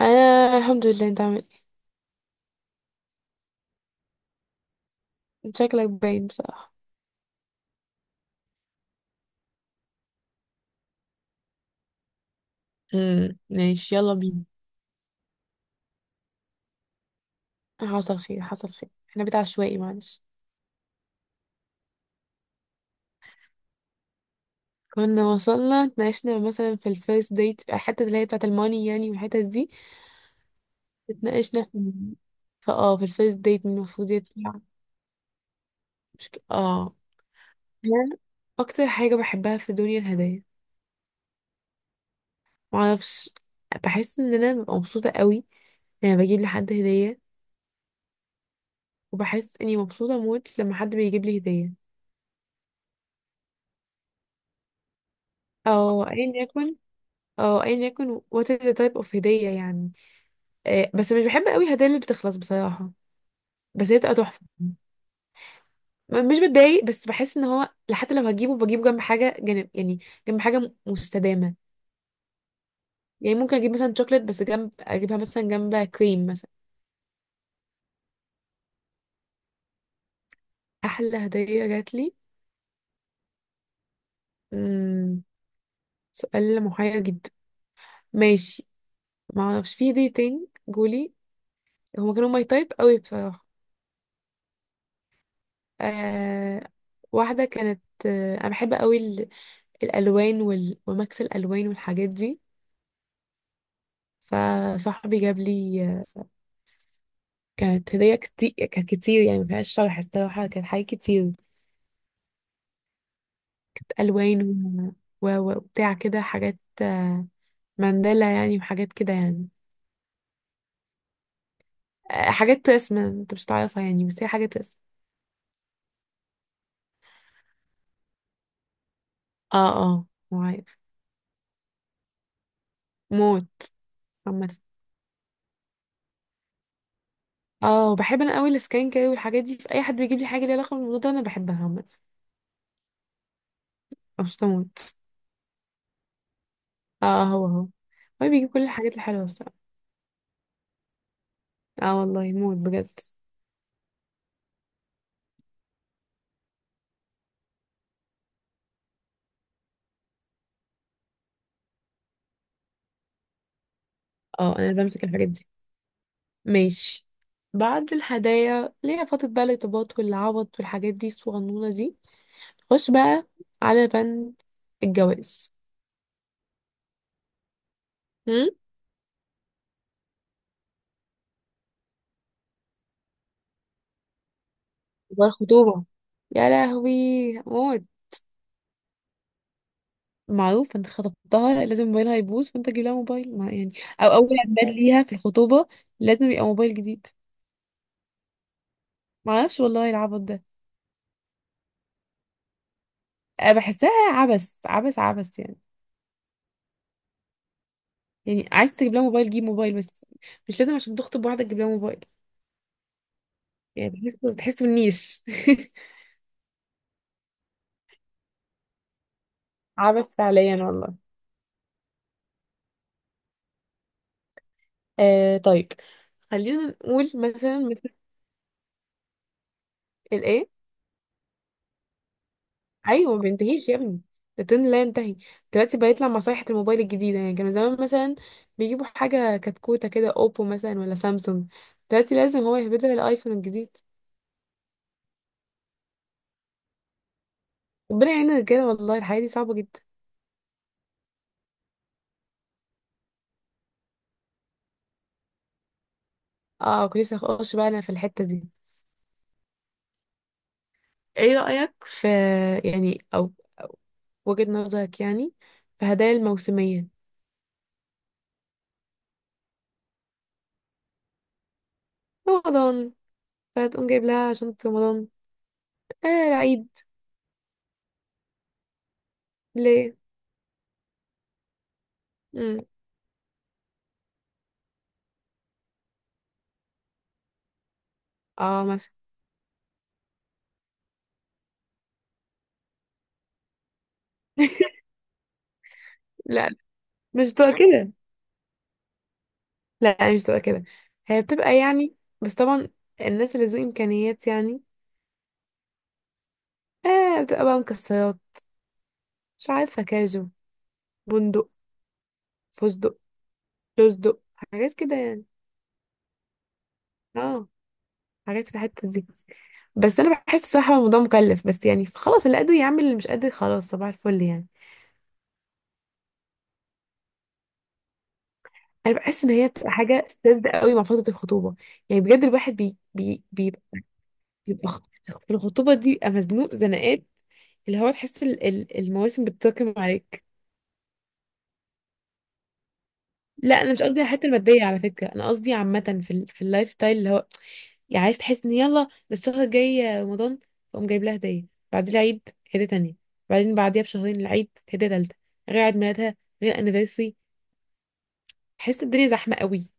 انا الحمد لله. انت عامل ايه؟ شكلك باين بصراحه. ماشي يلا بينا. حصل خير حصل خير، احنا بيت عشوائي معلش. كنا وصلنا، اتناقشنا مثلا في الفيرست ديت، الحته اللي هي بتاعه الماني يعني، والحته دي اتناقشنا في في الفيرست ديت المفروض يدفع. مش ك... اه، أنا اكتر حاجه بحبها في الدنيا الهدايا. معرفش، بحس ان انا ببقى مبسوطه قوي لما بجيب لحد هديه، وبحس اني مبسوطه موت لما حد بيجيب لي هديه. او ايا يكن، اه ايا يكن what is the type of هدية يعني. آه بس مش بحب قوي الهدايا اللي بتخلص بصراحة، بس هي تبقى تحفة. مش بتضايق بس بحس ان هو حتى لو هجيبه بجيبه جنب حاجة، جنب يعني، جنب حاجة مستدامة. يعني ممكن اجيب مثلا شوكليت بس جنب اجيبها مثلا جنب كريم مثلا. احلى هدية جات لي، مم، سؤال محير جدا. ماشي، ما اعرفش، في هدية تاني جولي، هما كانوا ماي تايب قوي بصراحة. آه، واحدة كانت، انا بحب قوي الالوان ومكس الالوان والحاجات دي. فصاحبي جاب لي كانت هديه كتير، كانت كتير يعني ما فيهاش شرح الصراحه، كانت حاجات كتير. الوان وبتاع كده حاجات، مانديلا يعني وحاجات كده يعني. آه، حاجات رسم انت مش تعرفها يعني، بس هي حاجات رسم. اه معايف موت. عامة اه بحب انا قوي السكان كده والحاجات دي، في اي حد بيجيب لي حاجه ليها علاقه بالموضوع ده انا بحبها عامة، مبسوطه موت. اه، هو هو بيجيب كل الحاجات الحلوه الصراحه. اه والله موت بجد. اه، انا اللي بمسك الحاجات دي. ماشي، بعد الهدايا اللي هي فترة بقى الارتباط والعوض والحاجات دي الصغنونة دي، خش بقى على بند الجواز. هم؟ والخطوبة، يا لهوي موت. معروف انت خطبتها لازم موبايلها يبوظ فانت تجيب لها موبايل ما يعني. او اول عيد ليها في الخطوبة لازم يبقى موبايل جديد. معرفش والله العبط ده. أنا بحسها عبث يعني. يعني عايز تجيب لها موبايل، جيب موبايل بس. مش لازم عشان تخطب واحدة تجيب لها موبايل. يعني بحسه، بتحسه النيش. عبث فعليا والله. آه طيب، خلينا نقول مثلا، مثل الايه؟ ايوه ما بينتهيش يا ابني، الترند لا ينتهي. دلوقتي بقيت لما صيحة الموبايل الجديدة يعني، كانوا زمان مثلا بيجيبوا حاجة كتكوتة كده، اوبو مثلا ولا سامسونج. دلوقتي لازم هو يهبدها الايفون الجديد. ربنا يعين الرجالة والله، الحياة دي صعبة جدا. اه كنت لسه هخش بقى انا في الحتة دي. ايه رأيك في، يعني، او، أو وجهة نظرك يعني، في هدايا الموسمية؟ رمضان، فتقوم جايب لها شنطة رمضان، آه العيد. ليه؟ امم اه مثلا. لا مش بتبقى كده، لا مش بتبقى كده. هي بتبقى يعني، بس طبعا الناس اللي ذو إمكانيات يعني، آه بتبقى بقى مكسرات، مش عارفة، كاجو، بندق، فستق، لوزدق، حاجات كده يعني. اه حاجات في الحتة دي. بس أنا بحس صراحة الموضوع مكلف، بس يعني خلاص اللي قادر يعمل، اللي مش قادر خلاص صباح الفل يعني. أنا بحس إن هي بتبقى حاجة ساذجة قوي مع فترة الخطوبة، يعني بجد الواحد بي بي بيبقى، يبقى في الخطوبة دي يبقى مزنوق زنقات، اللي هو تحس المواسم بتتراكم عليك. لا انا مش قصدي على الحته الماديه على فكره، انا قصدي عامه في في اللايف ستايل اللي هو، يعني عايز تحس ان يلا ده الشهر الجاي رمضان، فقوم جايب لها هديه. بعد العيد هديه تانية، بعدين بعديها بشهرين العيد هديه تالتة، غير عيد ميلادها، غير انيفرسري. تحس الدنيا زحمه قوي.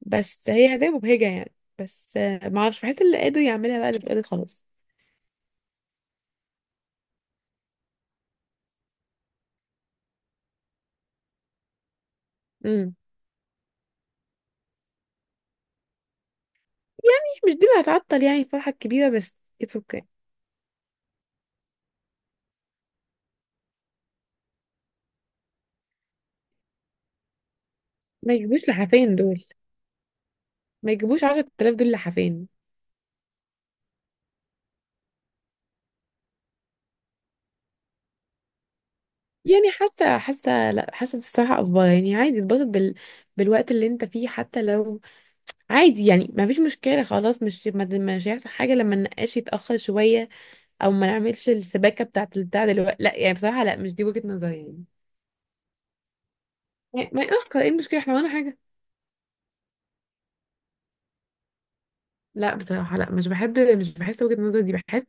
بس هي هديه مبهجه يعني، بس آه، ما اعرفش بحس اللي قادر يعملها بقى، اللي مش قادر خلاص. امم مش دي اللي هتعطل يعني الفرحه الكبيره بس. اتس اوكي. ما يجيبوش لحافين دول، ما يجيبوش 10000 دول لحافين. يعني حاسه حاسه لا حاسه الصراحه افضل يعني، عادي اتبسط بالوقت اللي انت فيه، حتى لو عادي يعني، ما فيش مشكله خلاص، مش هيحصل حاجه لما النقاش يتاخر شويه، او ما نعملش السباكه بتاعه البتاع دلوقتي، لا يعني بصراحه، لا مش دي وجهه نظري يعني. يعني ما يأخر، ايه المشكله، احنا ولا حاجه. لا بصراحه لا، مش بحب مش بحس وجهه النظر دي، بحس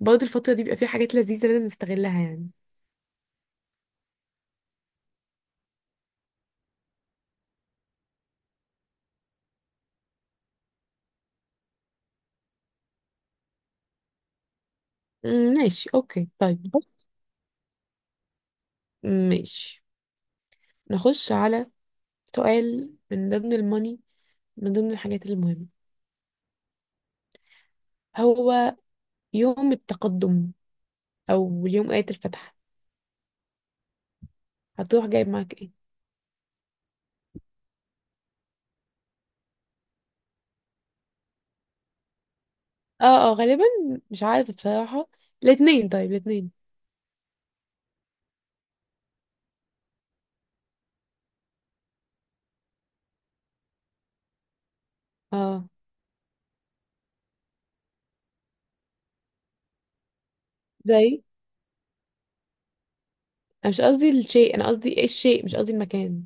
برضه الفتره دي بيبقى فيها حاجات لذيذه لازم نستغلها يعني. أمم، ماشي اوكي، طيب بص، ماشي، نخش على سؤال، من ضمن الماني، من ضمن الحاجات المهمة، هو يوم التقدم أو اليوم آية الفتح، هتروح جايب معاك ايه؟ اه غالبا، مش عارفة بصراحة، الاتنين، طيب الاتنين، اه زي. أنا مش قصدي الشيء، أنا قصدي ايه الشيء، مش قصدي المكان.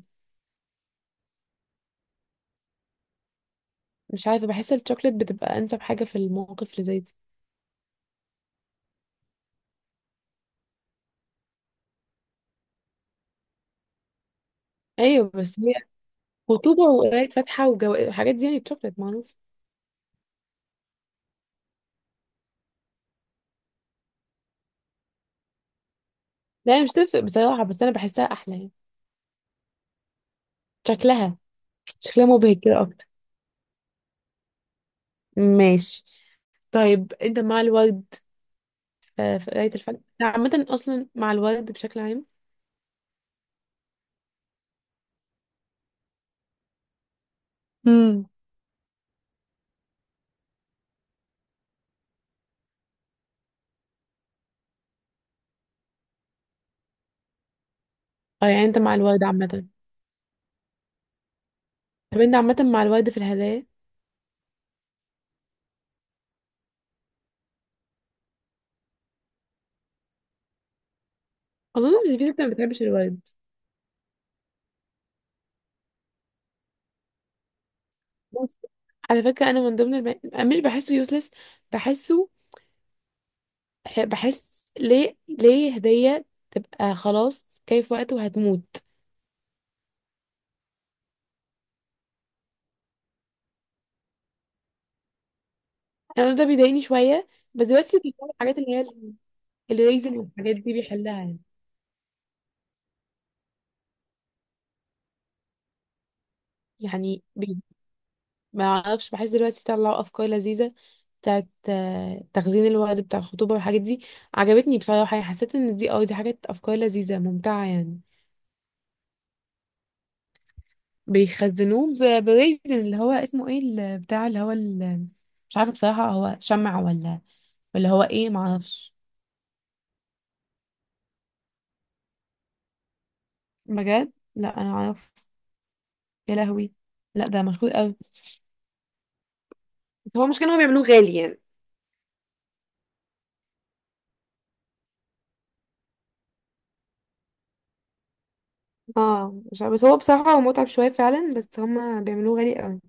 مش عارفة، بحس الشوكليت بتبقى أنسب حاجة في المواقف اللي زي دي. أيوة بس هي خطوبة وقراية فاتحة والحاجات دي يعني، الشوكليت معروف. لا هي مش تفرق بصراحة، بس أنا بحسها أحلى يعني. شكلها، شكلها مبهج كده. ماشي. طيب انت مع الورد، آه، في قراية الفن، انت عامة اصلا مع الورد بشكل عام؟ امم اه، يعني انت مع الورد عامة. طب انت عامة مع الورد في الهدايا؟ اظن ان في ست ما بتحبش الورد. بص، على فكرة انا من ضمن مش بحسه يوسلس، بحسه، بحس ليه هدية تبقى خلاص جاي في وقته وهتموت. انا ده بيضايقني شوية. بس دلوقتي بيطلعوا الحاجات اللي هي الريزن والحاجات دي بيحلها. يعني ما اعرفش، بحس دلوقتي طلعوا افكار لذيذة بتاعت آه، تخزين الورد بتاع الخطوبة والحاجات دي. عجبتني بصراحة يعني، حسيت ان دي اه دي حاجات افكار لذيذة ممتعة يعني. بيخزنوه بريزن اللي هو اسمه ايه، بتاع اللي هو مش عارفة بصراحة، هو شمع ولا ولا هو ايه معرفش. بجد لا انا اعرف. يا لهوي، لا ده مشهور قوي. بس هو مش كانوا بيعملوه غالي يعني. اه مش عارفة، بس هو بصراحة هو متعب شوية فعلا، بس هما بيعملوه غالي قوي.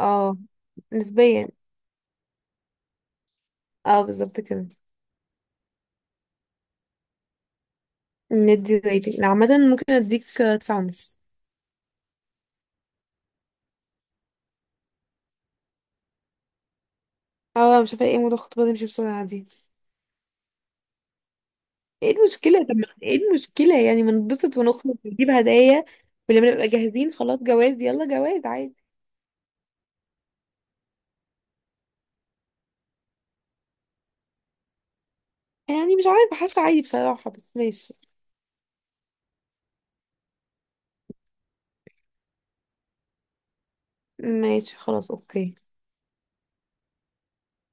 اه نسبيا، اه بالظبط كده. ندي ريتنج، عامة ممكن اديك تسعة ونص. اه مش عارفه ايه موضوع الخطوبه دي مش بسرعه دي. ايه المشكله، طب ما ايه المشكله يعني، ما نتبسط ونخرج ونجيب هدايا، ولما نبقى جاهزين خلاص جواز، يلا جواز عادي. يعني مش عارفه، حاسه عادي بصراحه، بس ماشي. ماشي خلاص اوكي.